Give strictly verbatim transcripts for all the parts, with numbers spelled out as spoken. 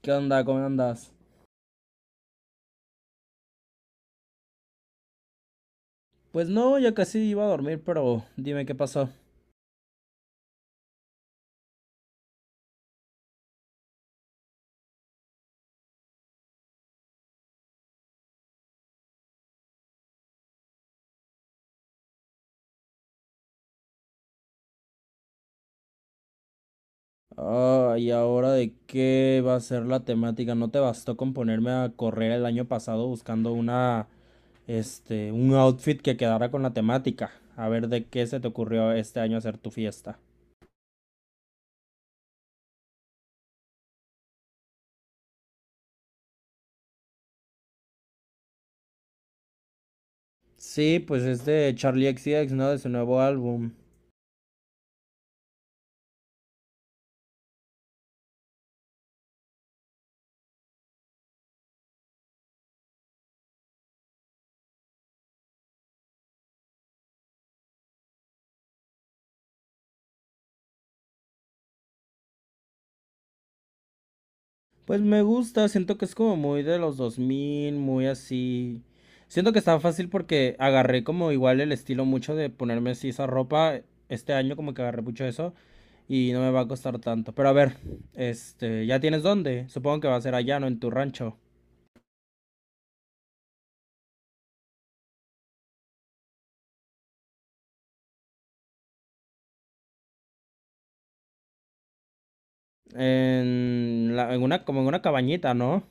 ¿Qué onda? ¿Cómo andas? Pues no, ya casi iba a dormir, pero dime qué pasó. Ah, ¿y ahora de qué va a ser la temática? ¿No te bastó con ponerme a correr el año pasado buscando una, este, un outfit que quedara con la temática? A ver de qué se te ocurrió este año hacer tu fiesta. Sí, pues es de Charlie X C X, ¿no? De su nuevo álbum. Pues me gusta, siento que es como muy de los dos mil, muy así. Siento que está fácil porque agarré como igual el estilo mucho de ponerme así esa ropa. Este año como que agarré mucho eso y no me va a costar tanto. Pero a ver, este, ¿ya tienes dónde? Supongo que va a ser allá, ¿no? En tu rancho. En la, en una, como en una cabañita, ¿no?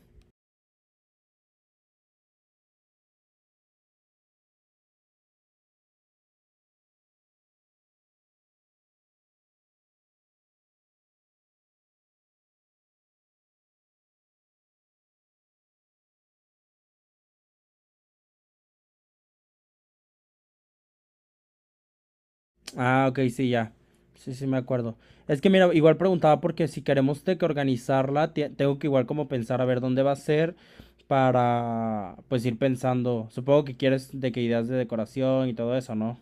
Ah, ok, sí, ya. Sí, sí, me acuerdo. Es que mira, igual preguntaba porque si queremos de que organizarla, tie- tengo que igual como pensar a ver dónde va a ser para pues ir pensando. Supongo que quieres de que ideas de decoración y todo eso, ¿no?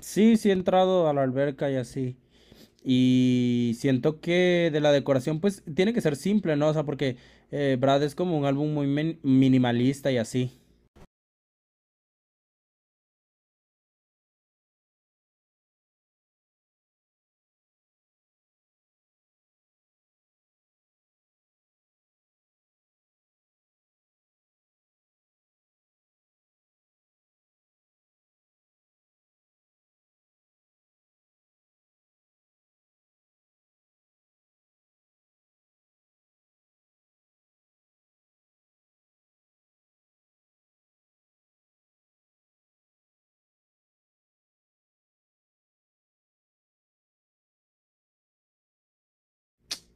Sí, sí he entrado a la alberca y así. Y siento que de la decoración pues tiene que ser simple, ¿no? O sea, porque eh, Brad es como un álbum muy min- minimalista y así.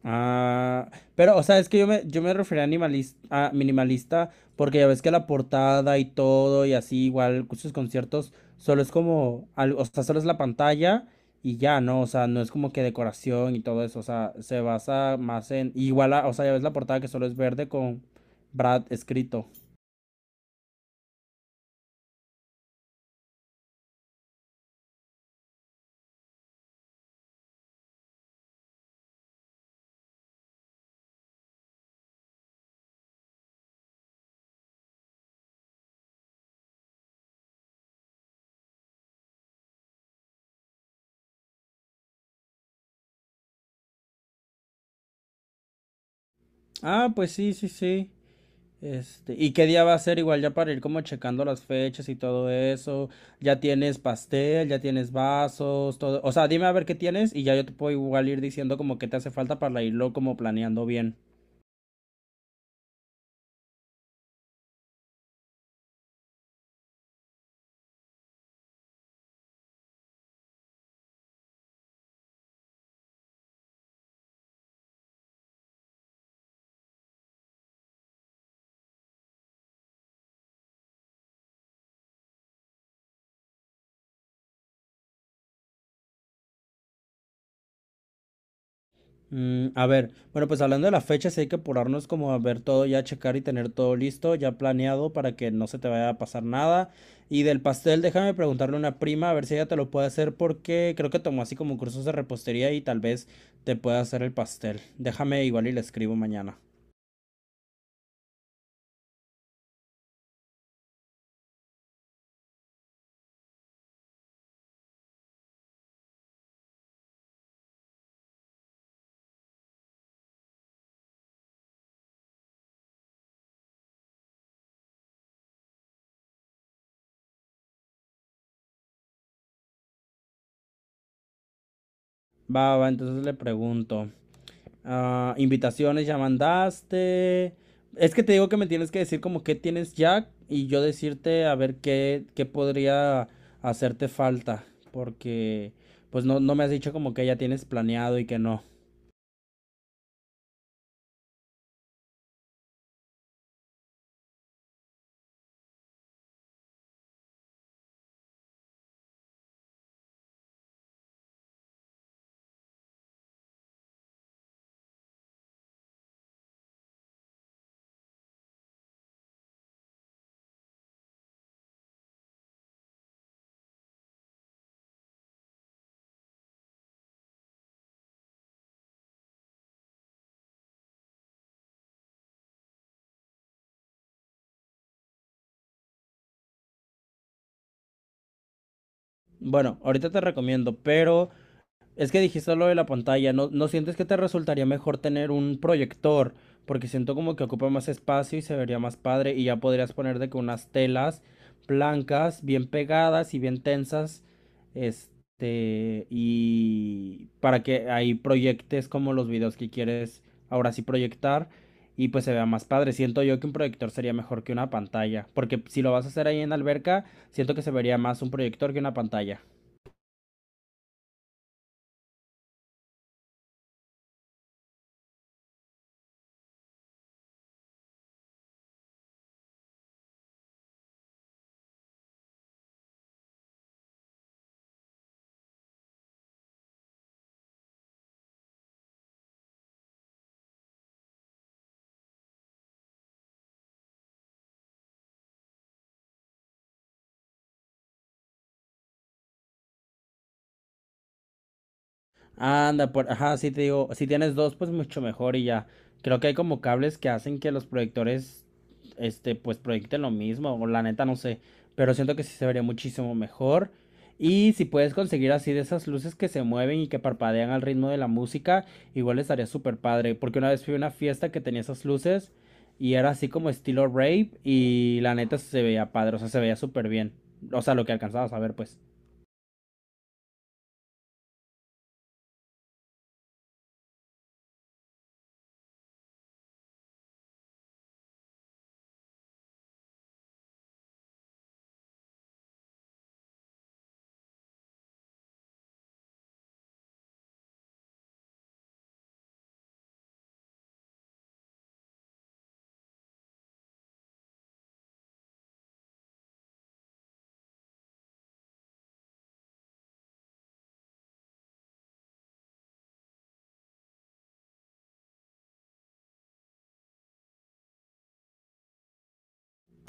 Ah, pero, o sea, es que yo me, yo me refería a, animalis- a minimalista porque ya ves que la portada y todo y así, igual sus conciertos, solo es como, al- o sea, solo es la pantalla y ya, ¿no? O sea, no es como que decoración y todo eso, o sea, se basa más en, igual, a- o sea, ya ves la portada que solo es verde con Brad escrito. Ah, pues sí, sí, sí. Este, ¿y qué día va a ser igual ya para ir como checando las fechas y todo eso? Ya tienes pastel, ya tienes vasos, todo. O sea, dime a ver qué tienes y ya yo te puedo igual ir diciendo como qué te hace falta para irlo como planeando bien. Mm, a ver, bueno, pues hablando de la fecha, sí hay que apurarnos como a ver todo, ya checar y tener todo listo, ya planeado para que no se te vaya a pasar nada. Y del pastel, déjame preguntarle a una prima a ver si ella te lo puede hacer porque creo que tomó así como cursos de repostería y tal vez te pueda hacer el pastel. Déjame igual y le escribo mañana. Va, va, entonces le pregunto. Ah, invitaciones ya mandaste. Es que te digo que me tienes que decir como qué tienes ya y yo decirte a ver qué, qué podría hacerte falta. Porque pues no, no me has dicho como que ya tienes planeado y que no. Bueno, ahorita te recomiendo, pero es que dijiste lo de la pantalla, ¿no, ¿no sientes que te resultaría mejor tener un proyector? Porque siento como que ocupa más espacio y se vería más padre y ya podrías poner de que unas telas blancas, bien pegadas y bien tensas, este, y para que ahí proyectes como los videos que quieres ahora sí proyectar y pues se vea más padre. Siento yo que un proyector sería mejor que una pantalla, porque si lo vas a hacer ahí en la alberca, siento que se vería más un proyector que una pantalla. Anda, por, ajá, sí te digo, si tienes dos, pues mucho mejor y ya. Creo que hay como cables que hacen que los proyectores, este, pues proyecten lo mismo, o la neta no sé, pero siento que sí se vería muchísimo mejor. Y si puedes conseguir así de esas luces que se mueven y que parpadean al ritmo de la música, igual estaría súper padre, porque una vez fui a una fiesta que tenía esas luces y era así como estilo rave y la neta se veía padre, o sea, se veía súper bien, o sea, lo que alcanzabas a ver, pues.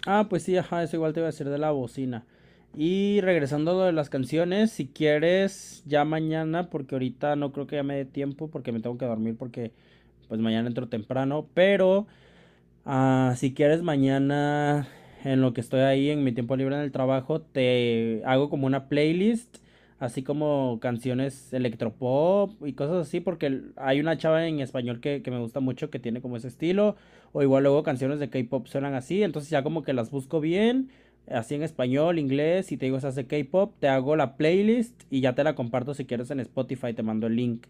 Ah, pues sí, ajá, eso igual te iba a decir de la bocina. Y regresando a lo de las canciones, si quieres, ya mañana, porque ahorita no creo que ya me dé tiempo, porque me tengo que dormir, porque pues mañana entro temprano, pero ah, si quieres, mañana, en lo que estoy ahí, en mi tiempo libre en el trabajo, te hago como una playlist, así como canciones electropop y cosas así, porque hay una chava en español que, que me gusta mucho que tiene como ese estilo, o igual luego canciones de K-pop suenan así, entonces ya como que las busco bien, así en español, inglés, y te digo esas de K-pop, te hago la playlist y ya te la comparto si quieres en Spotify, te mando el link.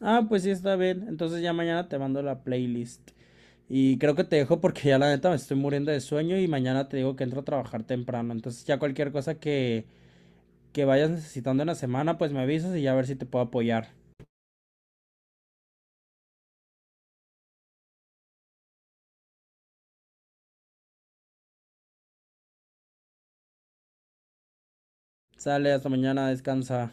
Ah, pues sí, está bien. Entonces ya mañana te mando la playlist. Y creo que te dejo porque ya la neta me estoy muriendo de sueño y mañana te digo que entro a trabajar temprano. Entonces ya cualquier cosa que, que vayas necesitando en la semana, pues me avisas y ya a ver si te puedo apoyar. Sale, hasta mañana, descansa.